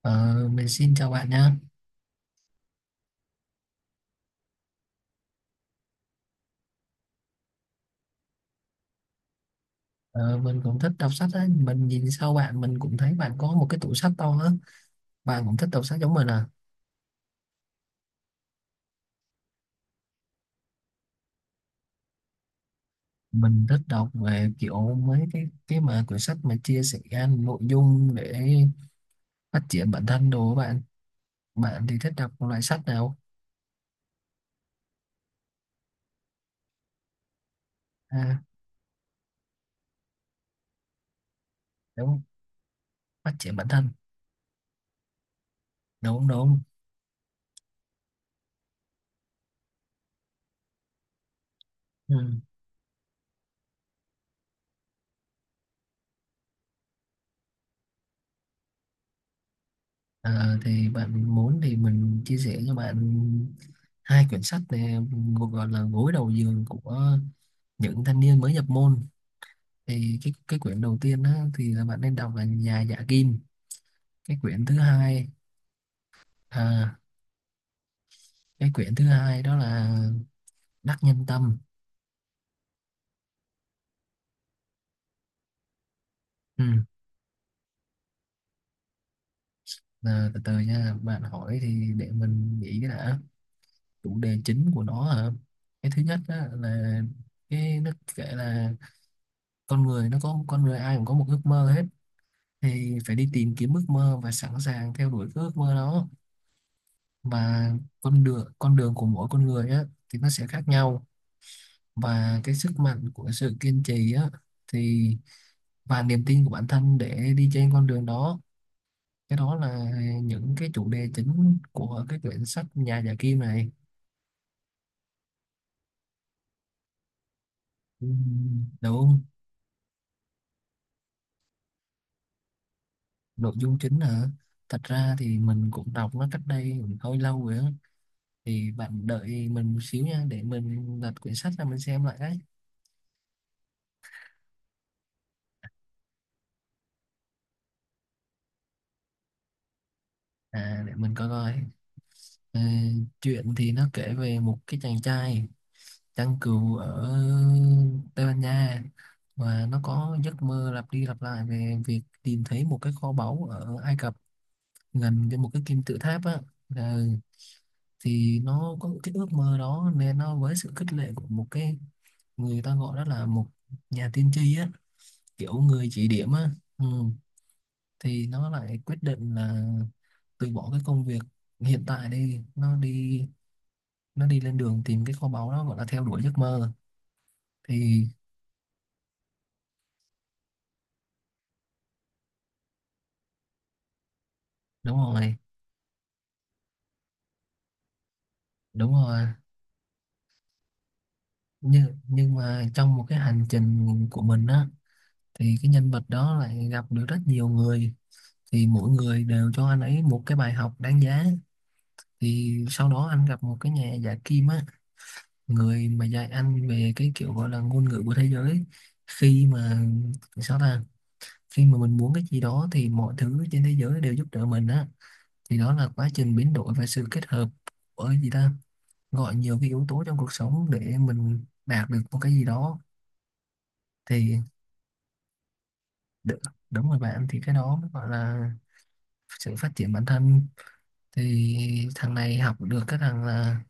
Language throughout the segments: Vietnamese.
Ờ, mình xin chào bạn nha. Ờ, mình cũng thích đọc sách á. Mình nhìn sau bạn mình cũng thấy bạn có một cái tủ sách to á. Bạn cũng thích đọc sách giống mình à? Mình thích đọc về kiểu mấy cái mà quyển sách mà chia sẻ nội dung để phát triển bản thân đồ của bạn. Bạn thì thích đọc loại sách nào? À, đúng, phát triển bản thân. Đúng đúng. Ừ. Ờ, thì bạn muốn thì mình chia sẻ cho bạn hai quyển sách này, một gọi là gối đầu giường của những thanh niên mới nhập môn. Thì cái quyển đầu tiên á, thì là bạn nên đọc là Nhà Dạ Kim. cái quyển thứ hai à cái quyển thứ hai đó là Đắc Nhân Tâm. Ừ. Là từ từ nha, bạn hỏi thì để mình nghĩ cái đã. Chủ đề chính của nó hả? Cái thứ nhất á, là cái nó kể là con người nó có con người ai cũng có một ước mơ hết, thì phải đi tìm kiếm ước mơ và sẵn sàng theo đuổi cái ước mơ đó. Và con đường của mỗi con người á, thì nó sẽ khác nhau. Và cái sức mạnh của sự kiên trì á, thì và niềm tin của bản thân để đi trên con đường đó. Cái đó là những cái chủ đề chính của cái quyển sách Nhà Giả Kim này. Đúng không? Nội dung chính là thật ra thì mình cũng đọc nó cách đây cũng hơi lâu rồi á, thì bạn đợi mình một xíu nha, để mình lật quyển sách ra mình xem lại đấy. À, để mình coi coi. Ờ, Chuyện thì nó kể về một cái chàng trai chăn cừu ở Tây Ban Nha, và nó có giấc mơ lặp đi lặp lại về việc tìm thấy một cái kho báu ở Ai Cập, gần với một cái kim tự tháp á. Là- thì nó có một cái ước mơ đó, nên nó với sự khích lệ của một cái, người ta gọi đó là một nhà tiên tri á, kiểu người chỉ điểm á. Ừ. Thì nó lại quyết định là từ bỏ cái công việc hiện tại, đi nó đi lên đường tìm cái kho báu đó, gọi là theo đuổi giấc mơ. Thì đúng rồi, đúng rồi. Nhưng mà trong một cái hành trình của mình á, thì cái nhân vật đó lại gặp được rất nhiều người, thì mỗi người đều cho anh ấy một cái bài học đáng giá. Thì sau đó anh gặp một cái nhà giả kim á, người mà dạy anh về cái kiểu gọi là ngôn ngữ của thế giới. Khi mà, sao ta, khi mà mình muốn cái gì đó thì mọi thứ trên thế giới đều giúp đỡ mình á. Thì đó là quá trình biến đổi và sự kết hợp của, gì ta, gọi nhiều cái yếu tố trong cuộc sống để mình đạt được một cái gì đó. Thì Đ- đúng rồi bạn, thì cái đó mới gọi là sự phát triển bản thân. Thì thằng này học được cái thằng là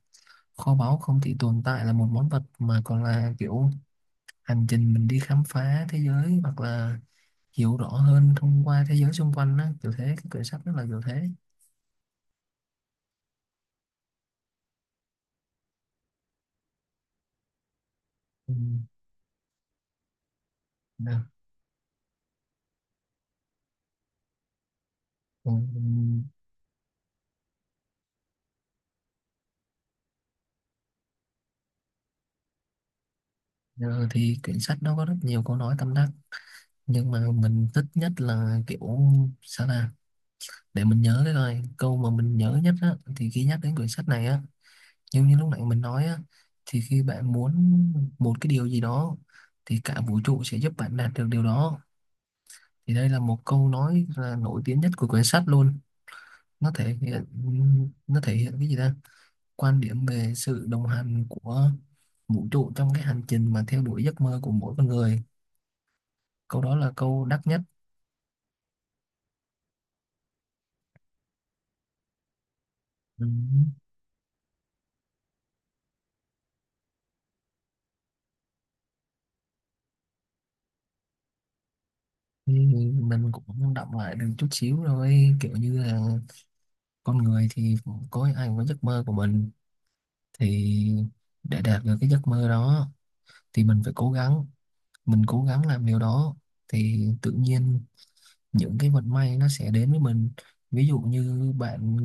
kho báu không chỉ tồn tại là một món vật, mà còn là kiểu hành trình mình đi khám phá thế giới, hoặc là hiểu rõ hơn thông qua thế giới xung quanh đó, kiểu thế. Cái quyển sách rất là kiểu thế. Ừ. Nè, còn giờ thì quyển sách nó có rất nhiều câu nói tâm đắc, nhưng mà mình thích nhất là kiểu, sao là, để mình nhớ cái coi câu mà mình nhớ nhất á, thì khi nhắc đến quyển sách này á, nhưng như lúc nãy mình nói á, thì khi bạn muốn một cái điều gì đó thì cả vũ trụ sẽ giúp bạn đạt được điều đó. Thì đây là một câu nói là nổi tiếng nhất của quyển sách luôn. Nó thể hiện nó thể hiện cái gì ta, quan điểm về sự đồng hành của vũ trụ trong cái hành trình mà theo đuổi giấc mơ của mỗi con người. Câu đó là câu đắt nhất. Ừ. Thì mình cũng đọc lại được chút xíu rồi, kiểu như là con người thì có ai cũng có giấc mơ của mình, thì để đạt được cái giấc mơ đó thì mình phải cố gắng, mình cố gắng làm điều đó, thì tự nhiên những cái vận may nó sẽ đến với mình. Ví dụ như bạn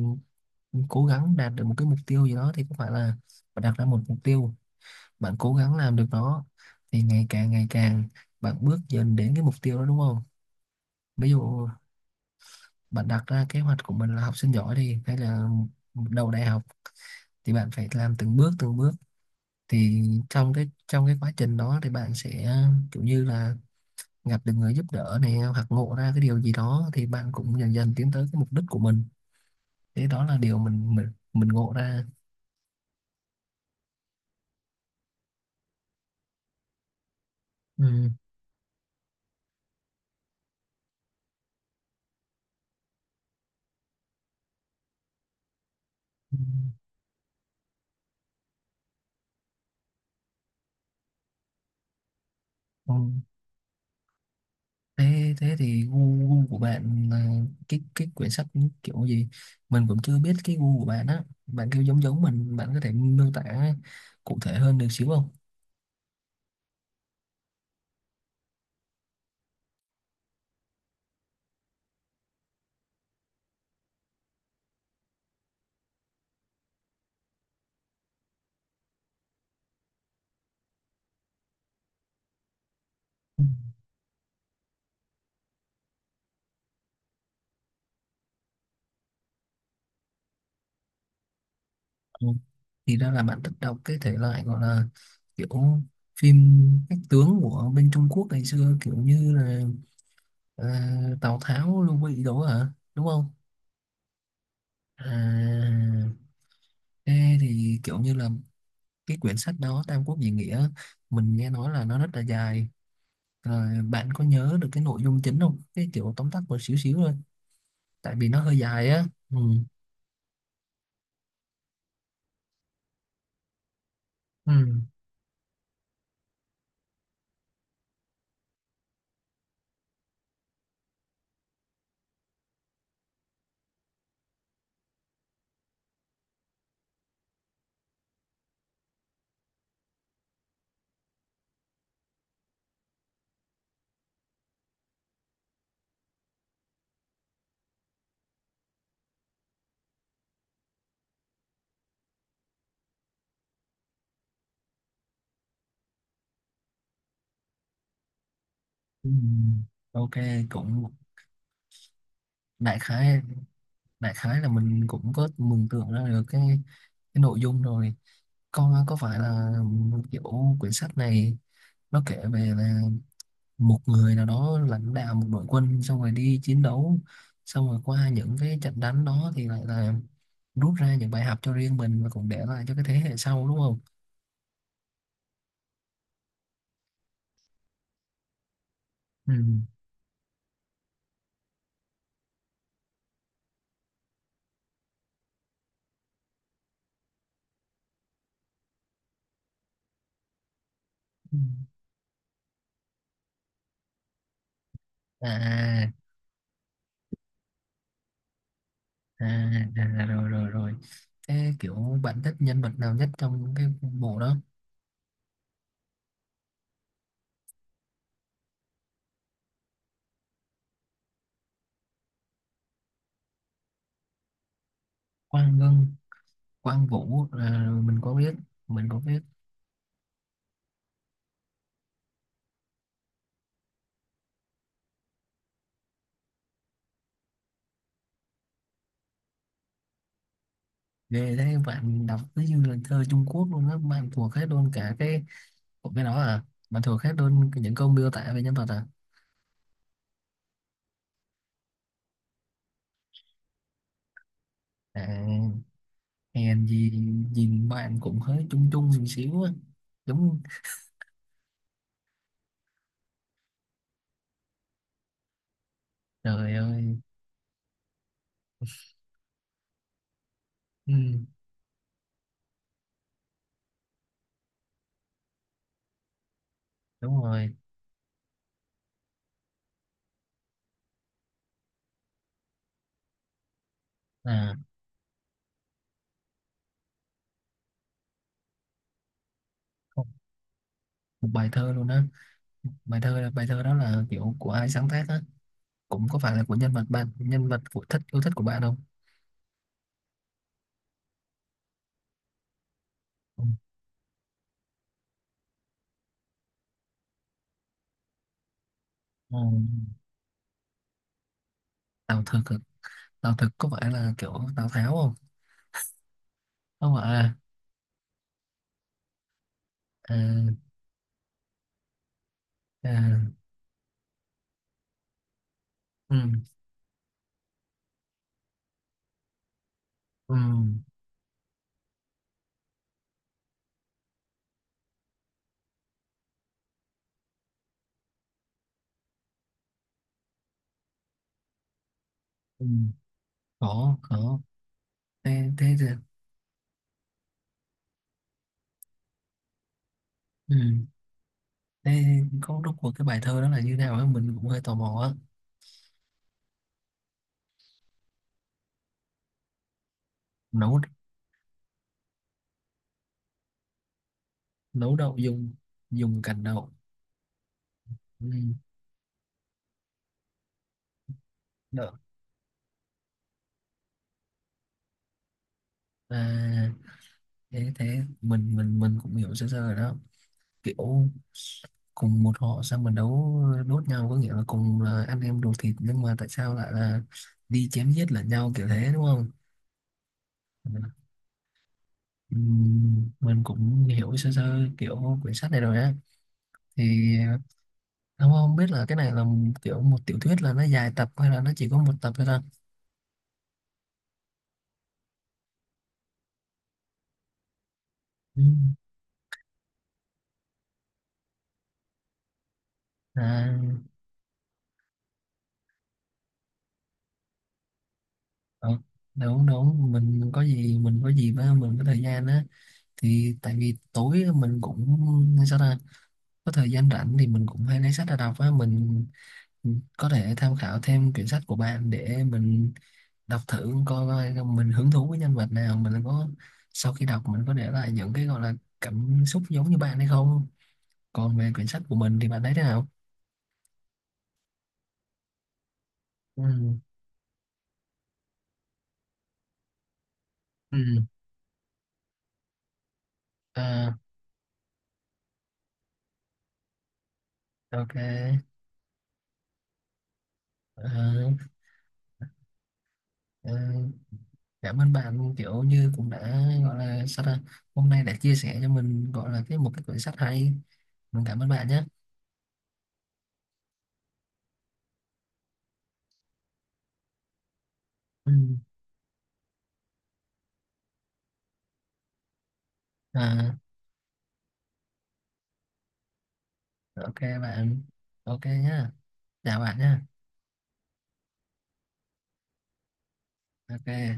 cố gắng đạt được một cái mục tiêu gì đó, thì không phải là bạn đặt ra một mục tiêu, bạn cố gắng làm được nó, thì ngày càng bạn bước dần đến cái mục tiêu đó, đúng không? Ví dụ bạn đặt ra kế hoạch của mình là học sinh giỏi đi, hay là đầu đại học, thì bạn phải làm từng bước từng bước. Thì trong cái quá trình đó thì bạn sẽ kiểu như là gặp được người giúp đỡ này, hoặc ngộ ra cái điều gì đó, thì bạn cũng dần dần tiến tới cái mục đích của mình. Thế đó là điều mình ngộ ra. Ừ. Ừ. Ừ. thế thế thì gu gu của bạn là cái quyển sách kiểu gì, mình cũng chưa biết cái gu của bạn á. Bạn kêu giống giống mình, bạn có thể miêu tả cụ thể hơn được xíu không? Ừ. Thì ra là bạn thích đọc cái thể loại gọi là kiểu phim cách tướng của bên Trung Quốc ngày xưa, kiểu như là, à, Tào Tháo, Lưu Bị đó hả, đúng không? À, thế thì kiểu như là cái quyển sách đó Tam Quốc Diễn Nghĩa, mình nghe nói là nó rất là dài. Rồi bạn có nhớ được cái nội dung chính không, cái kiểu tóm tắt một xíu xíu thôi, tại vì nó hơi dài á. Ừ. Ừ. Ừ. OK, cũng đại khái đại khái là mình cũng có mường tượng ra được cái nội dung rồi. Con có phải là kiểu quyển sách này nó kể về là một người nào đó lãnh đạo một đội quân, xong rồi đi chiến đấu, xong rồi qua những cái trận đánh đó thì lại là rút ra những bài học cho riêng mình, và cũng để lại cho cái thế hệ sau, đúng không? Ừ. Ừ. à, à, à, rồi rồi rồi, thế kiểu bạn thích nhân vật nào nhất trong cái bộ đó? Quang Ngân, Quang Vũ à, mình có biết, mình có biết. Ghê thế, bạn đọc cứ như là thơ Trung Quốc luôn á. Bạn thuộc hết luôn cả cái của cái đó à? Bạn thuộc hết luôn những câu miêu tả về nhân vật à? À, hèn gì nhìn bạn cũng hơi trung trung một xíu á. Đúng. Trời ơi. Ừ, đúng rồi. À không, một bài thơ luôn á. Bài thơ đó là kiểu của ai sáng tác á? Cũng có phải là của nhân vật bạn, nhân vật của thích yêu thích của bạn không? Ừ. Ừ, Tào Thực à? Tàu thực có phải là kiểu Tào Tháo không? Không phải à, à, à, ừ, ừ, ừ, khổ, khổ. Thế, ừ, thế có trúc của cái bài thơ đó là như nào á? Mình cũng hơi tò mò á. Nấu, nấu đậu dùng cành đậu. Ừ, đậu. À, thế, thế, mình cũng hiểu sơ sơ rồi đó. Kiểu cùng một họ sao mà đấu đốt nhau, có nghĩa là cùng là anh em ruột thịt nhưng mà tại sao lại là đi chém giết lẫn nhau, kiểu thế, đúng không? Ừ. Mình cũng hiểu sơ sơ kiểu quyển sách này rồi á. Thì không không biết là cái này là, kiểu một tiểu thuyết là nó dài tập, hay là nó chỉ có một tập thôi ta. Ừm. à ờ, đúng đúng, mình có gì mà mình có thời gian á, thì tại vì tối mình cũng, sao ta, có thời gian rảnh thì mình cũng hay lấy sách ra đọc á mình. Ừ, có thể tham khảo thêm quyển sách của bạn để mình đọc thử, coi coi mình hứng thú với nhân vật nào, mình có, sau khi đọc mình có để lại những cái gọi là cảm xúc giống như bạn hay không. Còn về quyển sách của mình thì bạn thấy thế nào? Ừ. Ừ. À, OK. À, à, cảm ơn bạn, kiểu như cũng đã gọi là, sao ta, hôm nay đã chia sẻ cho mình gọi là cái, một cái quyển sách hay. Mình cảm ơn bạn nhé. Ừ. À, OK bạn, OK nhá, chào bạn nhá. OK.